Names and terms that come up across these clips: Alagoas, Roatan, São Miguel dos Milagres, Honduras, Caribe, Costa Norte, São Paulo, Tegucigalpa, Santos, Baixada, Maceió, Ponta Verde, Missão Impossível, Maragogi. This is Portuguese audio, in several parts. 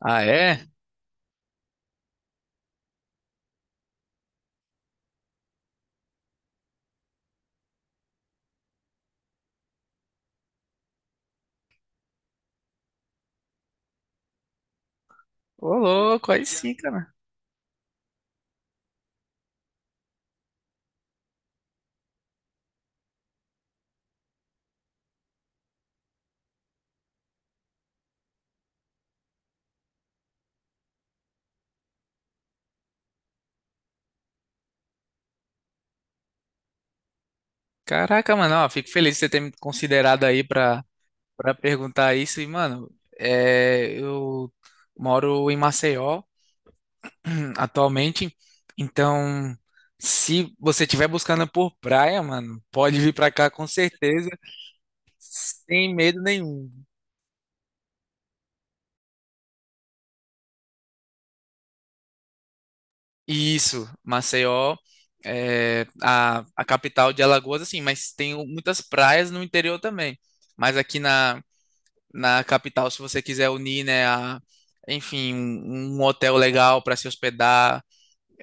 Ah, é? Ô, louco, aí sim, cara. Caraca, mano, ó, fico feliz de você ter me considerado aí pra perguntar isso. E, mano, eu moro em Maceió atualmente, então se você estiver buscando por praia, mano, pode vir pra cá com certeza, sem medo nenhum. Isso, Maceió é a capital de Alagoas, assim, mas tem muitas praias no interior também. Mas aqui na capital, se você quiser unir, né, a, enfim, um hotel legal para se hospedar,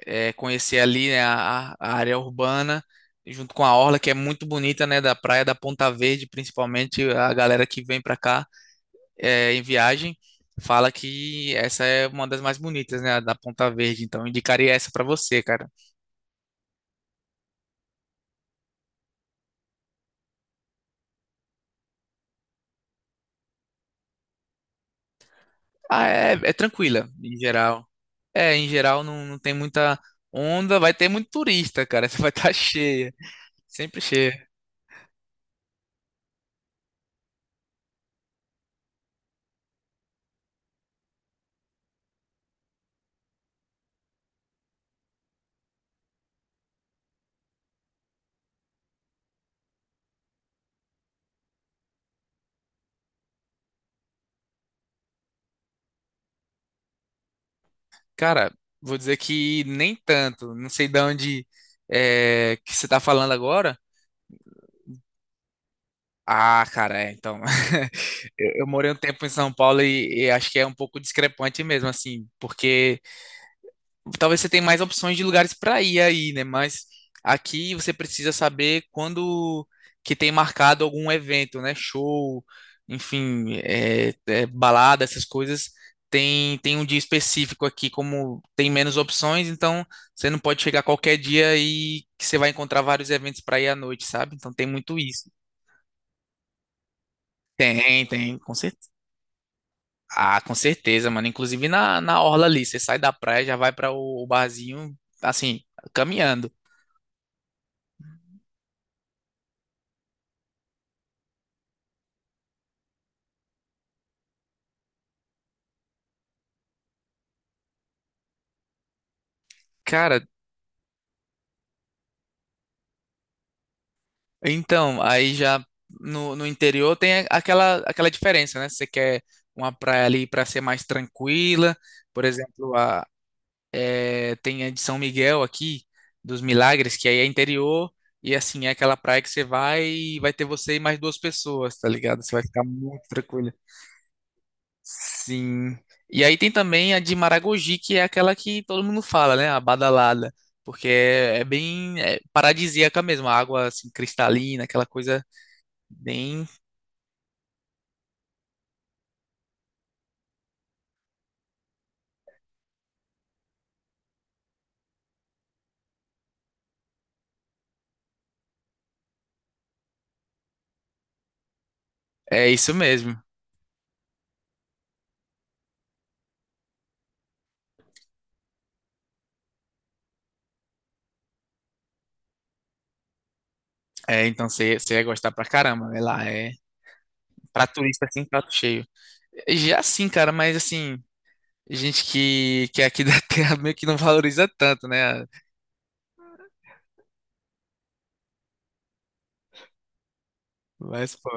conhecer ali, né, a área urbana, junto com a orla, que é muito bonita, né, da praia da Ponta Verde, principalmente a galera que vem para cá em viagem fala que essa é uma das mais bonitas, né, a da Ponta Verde. Então indicaria essa para você, cara. Ah, é tranquila, em geral. É, em geral não, não tem muita onda, vai ter muito turista, cara. Você vai estar cheia, sempre cheia. Cara, vou dizer que nem tanto. Não sei de onde que você tá falando agora. Ah, cara, é, então. Eu morei um tempo em São Paulo e acho que é um pouco discrepante mesmo, assim, porque talvez você tenha mais opções de lugares para ir aí, né? Mas aqui você precisa saber quando que tem marcado algum evento, né? Show, enfim, balada, essas coisas. Tem, tem um dia específico aqui, como tem menos opções, então você não pode chegar qualquer dia e que você vai encontrar vários eventos para ir à noite, sabe? Então tem muito isso. Tem, tem, com certeza. Ah, com certeza, mano. Inclusive na orla ali, você sai da praia, já vai para o barzinho, assim, caminhando. Cara, então, aí já no interior tem aquela, aquela diferença, né? Se você quer uma praia ali para ser mais tranquila, por exemplo, tem a de São Miguel aqui, dos Milagres, que aí é interior, e assim, é aquela praia que você vai e vai ter você e mais duas pessoas, tá ligado? Você vai ficar muito tranquilo. Sim. E aí tem também a de Maragogi, que é aquela que todo mundo fala, né? A badalada. Porque paradisíaca mesmo, a água assim, cristalina, aquela coisa bem, é isso mesmo. É, então você ia gostar pra caramba, né? Lá é pra turista assim, prato cheio. Já sim, cara, mas assim, gente que é aqui da terra meio que não valoriza tanto, né? Mas, pô,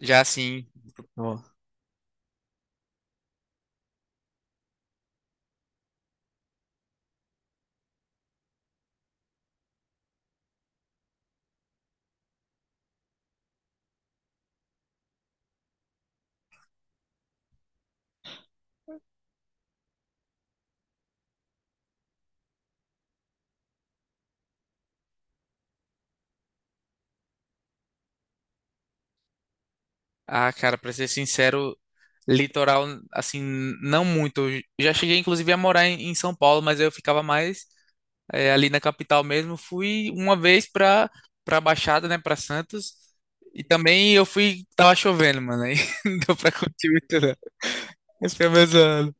já assim, pô. Ah, cara, pra ser sincero, litoral, assim, não muito. Eu já cheguei inclusive a morar em, em São Paulo, mas eu ficava mais. É, ali na capital mesmo. Fui uma vez pra Baixada, né, pra Santos. E também eu fui, tava chovendo, mano, aí não deu pra curtir muito, não. Esse foi meu zoando.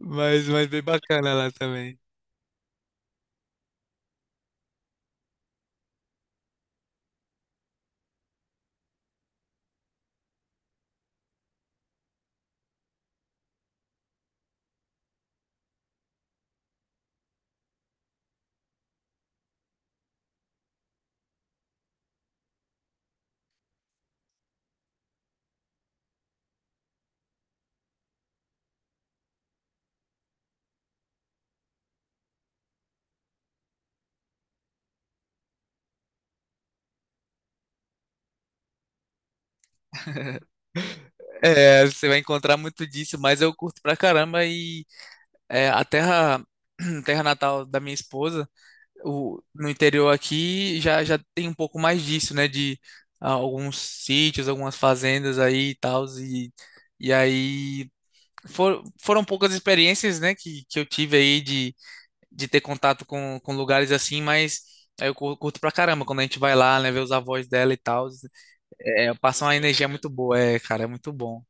Mas bem bacana lá também. É, você vai encontrar muito disso, mas eu curto pra caramba e a terra, terra natal da minha esposa, o, no interior aqui, já, já tem um pouco mais disso, né, de ah, alguns sítios, algumas fazendas aí e tal, e aí foram poucas experiências, né, que eu tive aí de ter contato com lugares assim, mas aí eu curto pra caramba quando a gente vai lá, né, ver os avós dela e tal. É, é, passa uma energia muito boa, é, cara, é muito bom.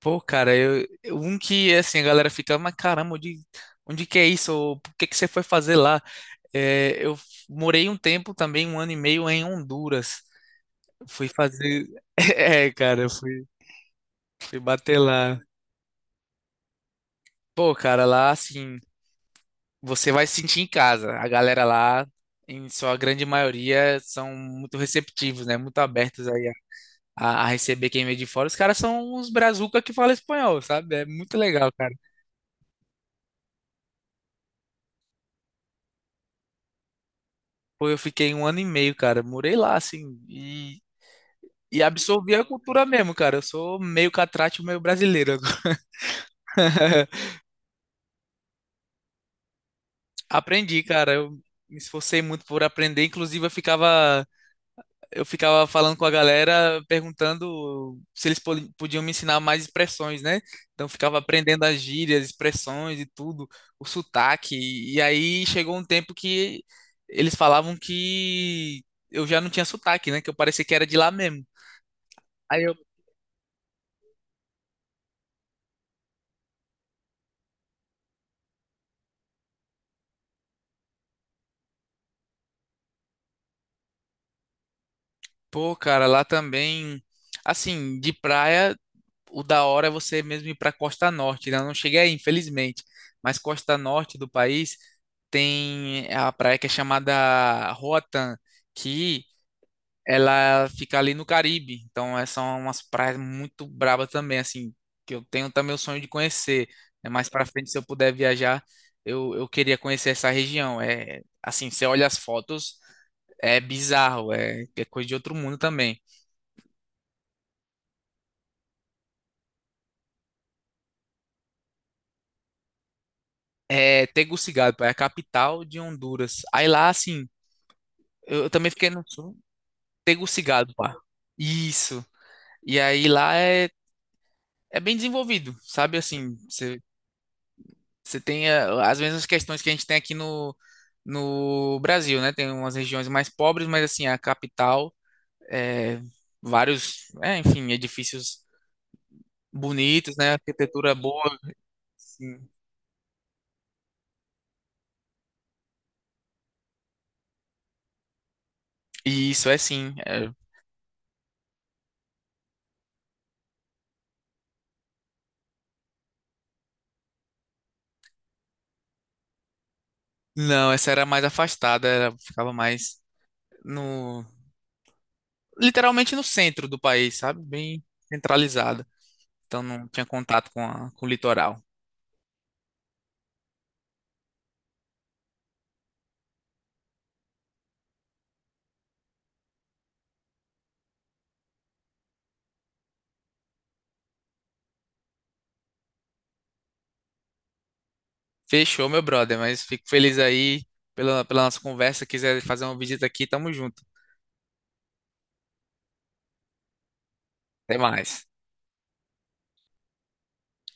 Pô, cara, um que assim, a galera fica, mas caramba, onde, onde que é isso? Ou por que que você foi fazer lá? É, eu morei um tempo também, 1 ano e meio, em Honduras. Fui fazer. É, cara, fui bater lá. Pô, cara, lá assim. Você vai se sentir em casa. A galera lá, em sua grande maioria, são muito receptivos, né? Muito abertos aí a receber quem vem de fora. Os caras são uns brazuca que falam espanhol, sabe? É muito legal, cara. Pô, eu fiquei 1 ano e meio, cara. Morei lá, assim, e absorvi a cultura mesmo, cara. Eu sou meio catrate, meio brasileiro. Aprendi, cara. Eu me esforcei muito por aprender. Inclusive, eu ficava falando com a galera, perguntando se eles podiam me ensinar mais expressões, né? Então eu ficava aprendendo as gírias, expressões e tudo, o sotaque. E aí chegou um tempo que eles falavam que eu já não tinha sotaque, né? Que eu parecia que era de lá mesmo. Aí eu, pô, cara, lá também, assim, de praia o da hora é você mesmo ir para Costa Norte, né? Eu não cheguei aí, infelizmente. Mas Costa Norte do país tem a praia que é chamada Roatan, que ela fica ali no Caribe. Então, é- são umas praias muito brabas também, assim, que eu tenho também o sonho de conhecer, né? Mais para frente, se eu puder viajar, eu queria conhecer essa região. É, assim, você olha as fotos, é bizarro, é coisa de outro mundo também. É Tegucigalpa, é a capital de Honduras. Aí lá, assim, eu também fiquei no sul, Tegucigalpa. Isso. E aí lá é, é bem desenvolvido, sabe? Assim, você tem as mesmas questões que a gente tem aqui no Brasil, né? Tem umas regiões mais pobres, mas assim, a capital, é, enfim, edifícios bonitos, né? Arquitetura boa. Sim. E isso é sim. É. Não, essa era mais afastada, era, ficava mais no, literalmente no centro do país, sabe? Bem centralizada. Então não tinha contato com, com o litoral. Fechou, meu brother, mas fico feliz aí pela, pela nossa conversa. Quiser fazer uma visita aqui, tamo junto. Até mais.